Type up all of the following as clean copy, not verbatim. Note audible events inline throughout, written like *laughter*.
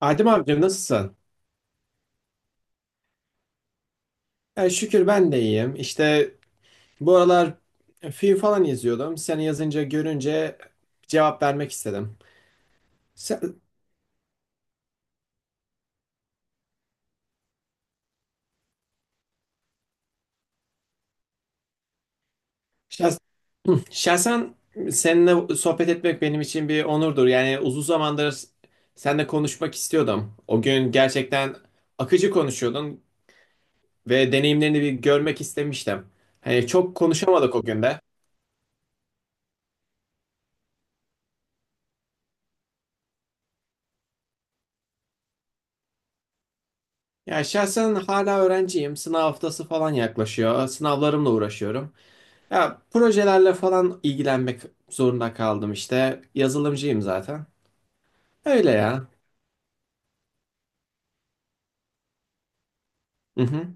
Adem amca nasılsın? Şükür ben de iyiyim. İşte bu aralar film falan izliyordum. Seni yazınca görünce cevap vermek istedim. Şah- Şahsen seninle sohbet etmek benim için bir onurdur. Yani uzun zamandır seninle konuşmak istiyordum. O gün gerçekten akıcı konuşuyordun ve deneyimlerini bir görmek istemiştim. Hani çok konuşamadık o günde. Ya şahsen hala öğrenciyim. Sınav haftası falan yaklaşıyor. Sınavlarımla uğraşıyorum. Ya projelerle falan ilgilenmek zorunda kaldım işte. Yazılımcıyım zaten. Öyle ya. Hı hı.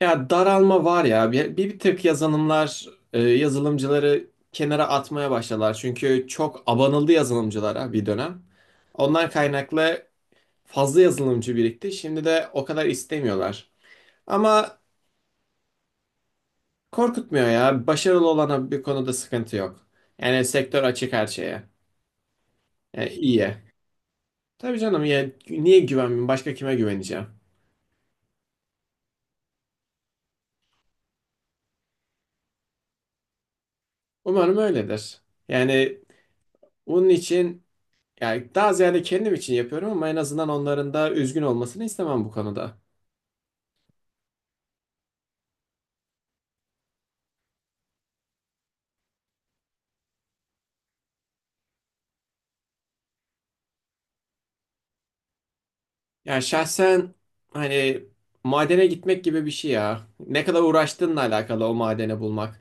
Ya daralma var ya. Bir tık yazılımlar, yazılımcıları kenara atmaya başladılar. Çünkü çok abanıldı yazılımcılara bir dönem. Ondan kaynaklı fazla yazılımcı birikti. Şimdi de o kadar istemiyorlar. Ama korkutmuyor ya. Başarılı olana bir konuda sıkıntı yok. Yani sektör açık her şeye. Yani iyiye. Tabii canım ya niye güvenmeyeyim? Başka kime güveneceğim? Umarım öyledir. Yani bunun için yani daha ziyade kendim için yapıyorum ama en azından onların da üzgün olmasını istemem bu konuda. Yani şahsen hani madene gitmek gibi bir şey ya. Ne kadar uğraştığınla alakalı o madeni bulmak.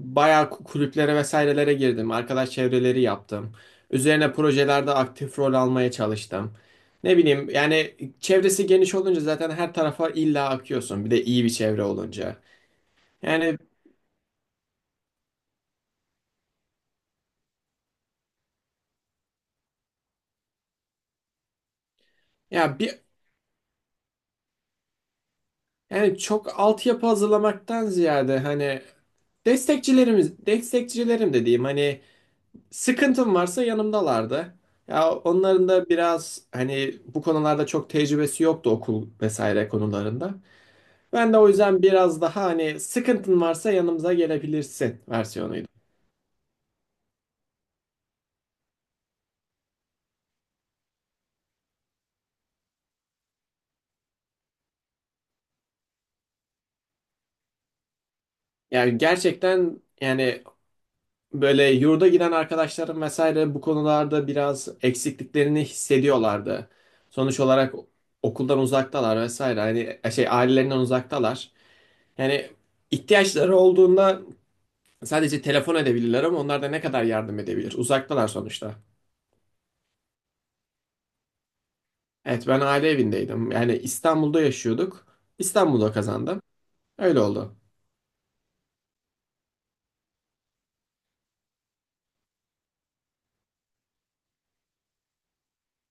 Bayağı kulüplere vesairelere girdim. Arkadaş çevreleri yaptım. Üzerine projelerde aktif rol almaya çalıştım. Ne bileyim yani çevresi geniş olunca zaten her tarafa illa akıyorsun. Bir de iyi bir çevre olunca. Yani ya bir Yani çok altyapı hazırlamaktan ziyade hani destekçilerimiz, destekçilerim dediğim hani sıkıntım varsa yanımdalardı. Ya onların da biraz hani bu konularda çok tecrübesi yoktu okul vesaire konularında. Ben de o yüzden biraz daha hani sıkıntın varsa yanımıza gelebilirsin versiyonuydu. Yani gerçekten yani. Böyle yurda giden arkadaşlarım vesaire bu konularda biraz eksikliklerini hissediyorlardı. Sonuç olarak okuldan uzaktalar vesaire. Hani şey ailelerinden uzaktalar. Yani ihtiyaçları olduğunda sadece telefon edebilirler ama onlar da ne kadar yardım edebilir? Uzaktalar sonuçta. Evet ben aile evindeydim. Yani İstanbul'da yaşıyorduk. İstanbul'da kazandım. Öyle oldu.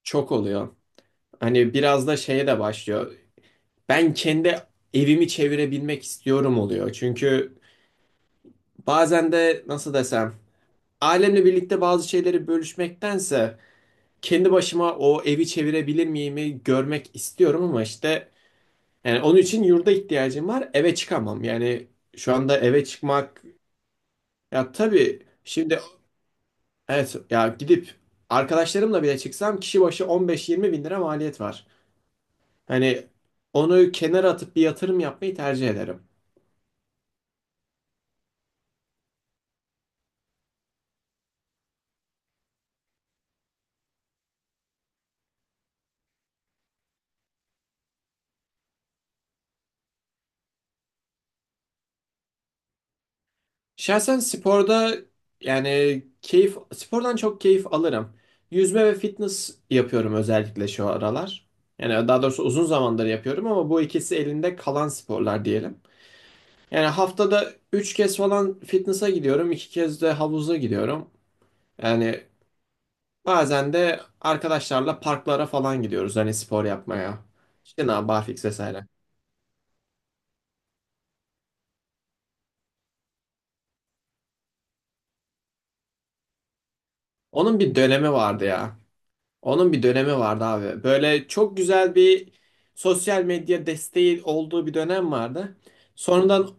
Çok oluyor. Hani biraz da şeye de başlıyor. Ben kendi evimi çevirebilmek istiyorum oluyor. Çünkü bazen de nasıl desem, ailemle birlikte bazı şeyleri bölüşmektense kendi başıma o evi çevirebilir miyimi görmek istiyorum ama işte yani onun için yurda ihtiyacım var. Eve çıkamam. Yani şu anda eve çıkmak ya tabii şimdi evet ya gidip arkadaşlarımla bile çıksam kişi başı 15-20 bin lira maliyet var. Hani onu kenara atıp bir yatırım yapmayı tercih ederim. Şahsen sporda yani keyif spordan çok keyif alırım. Yüzme ve fitness yapıyorum özellikle şu aralar. Yani daha doğrusu uzun zamandır yapıyorum ama bu ikisi elinde kalan sporlar diyelim. Yani haftada 3 kez falan fitness'a gidiyorum, 2 kez de havuza gidiyorum. Yani bazen de arkadaşlarla parklara falan gidiyoruz hani spor yapmaya. İşte ne yapar, vesaire. Onun bir dönemi vardı ya. Onun bir dönemi vardı abi. Böyle çok güzel bir sosyal medya desteği olduğu bir dönem vardı. Sonradan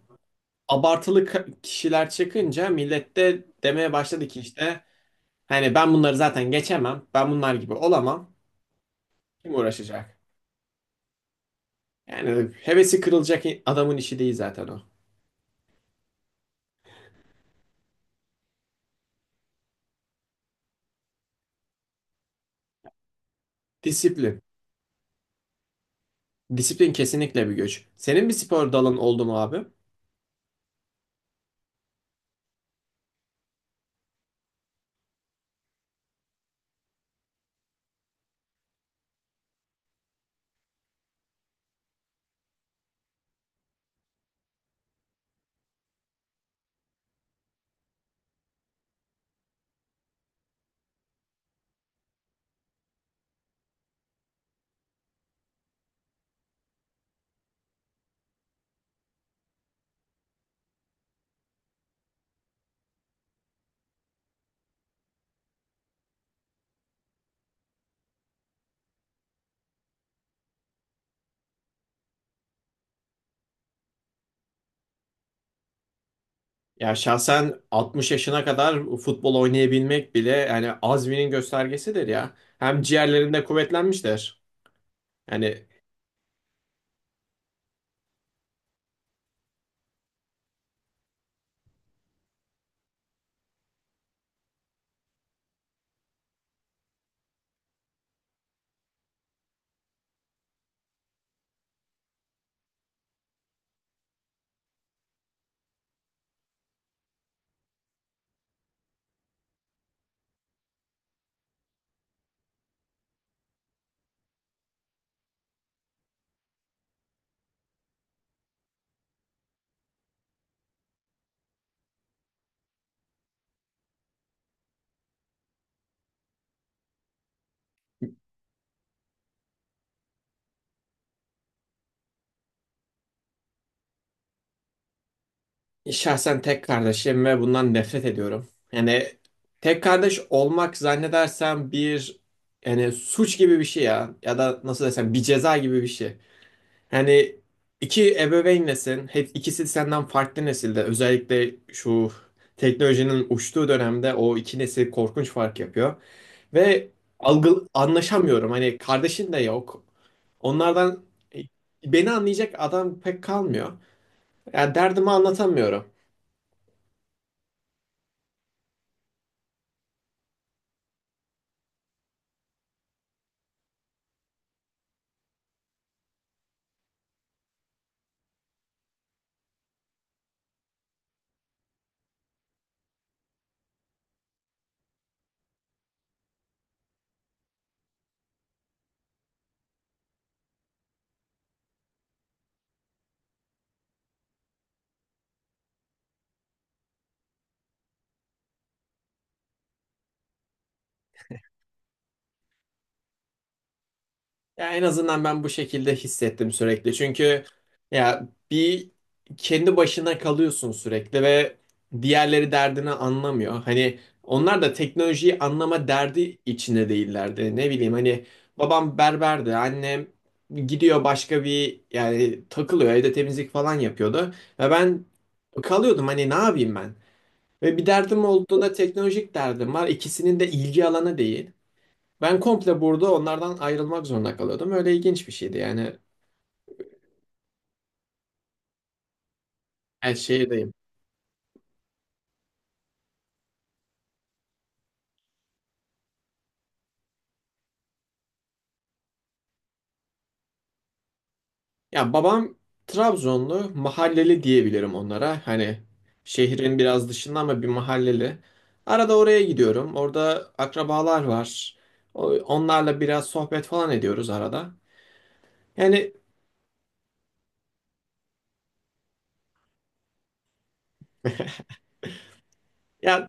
abartılı kişiler çıkınca millet de demeye başladı ki işte hani ben bunları zaten geçemem. Ben bunlar gibi olamam. Kim uğraşacak? Yani hevesi kırılacak adamın işi değil zaten o. Disiplin. Disiplin kesinlikle bir güç. Senin bir spor dalın oldu mu abi? Ya şahsen 60 yaşına kadar futbol oynayabilmek bile yani azminin göstergesidir ya. Hem ciğerlerinde kuvvetlenmiştir. Yani şahsen tek kardeşim ve bundan nefret ediyorum. Yani tek kardeş olmak zannedersem bir yani suç gibi bir şey ya ya da nasıl desem bir ceza gibi bir şey. Yani iki ebeveynlesin, hep ikisi senden farklı nesilde. Özellikle şu teknolojinin uçtuğu dönemde o iki nesil korkunç fark yapıyor ve algı anlaşamıyorum. Hani kardeşin de yok. Onlardan e, beni anlayacak adam pek kalmıyor. Yani derdimi anlatamıyorum. Ya en azından ben bu şekilde hissettim sürekli. Çünkü ya bir kendi başına kalıyorsun sürekli ve diğerleri derdini anlamıyor. Hani onlar da teknolojiyi anlama derdi içinde değillerdi. Ne bileyim hani babam berberdi, annem gidiyor başka bir yani takılıyor evde temizlik falan yapıyordu ve ben kalıyordum hani ne yapayım ben? Ve bir derdim olduğunda teknolojik derdim var. İkisinin de ilgi alanı değil. Ben komple burada onlardan ayrılmak zorunda kalıyordum. Öyle ilginç bir şeydi yani. Ben şehirdeyim. Ya babam Trabzonlu, mahalleli diyebilirim onlara. Hani şehrin biraz dışında ama bir mahalleli. Arada oraya gidiyorum. Orada akrabalar var. Onlarla biraz sohbet falan ediyoruz arada. Yani *laughs* ya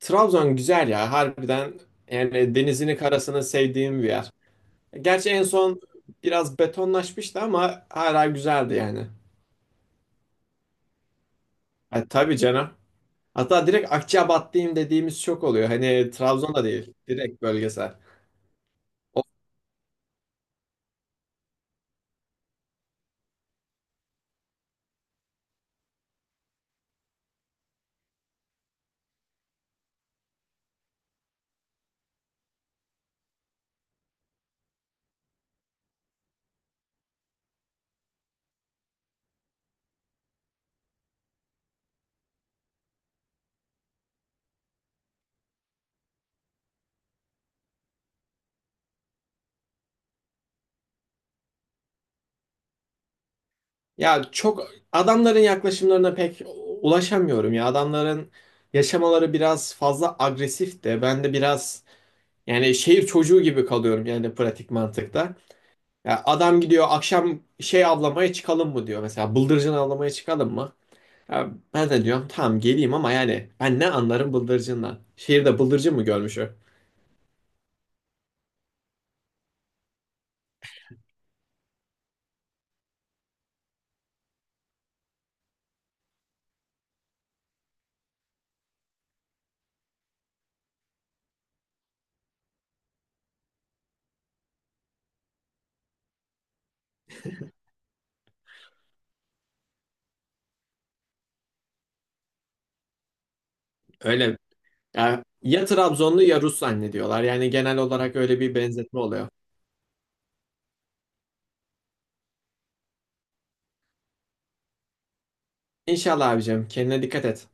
Trabzon güzel ya harbiden yani denizini karasını sevdiğim bir yer. Gerçi en son biraz betonlaşmıştı ama hala güzeldi yani. E, tabii canım. Hatta direkt Akçabatlıyım dediğimiz çok oluyor. Hani Trabzon'da değil. Direkt bölgesel. O- Ya çok adamların yaklaşımlarına pek ulaşamıyorum ya. Adamların yaşamaları biraz fazla agresif de. Ben de biraz yani şehir çocuğu gibi kalıyorum yani pratik mantıkta. Ya adam gidiyor akşam şey avlamaya çıkalım mı diyor. Mesela bıldırcın avlamaya çıkalım mı? Ya ben de diyorum tamam geleyim ama yani ben ne anlarım bıldırcından. Şehirde bıldırcın mı görmüş o? Öyle. Yani ya Trabzonlu ya Rus zannediyorlar. Yani genel olarak öyle bir benzetme oluyor. İnşallah abicim kendine dikkat et.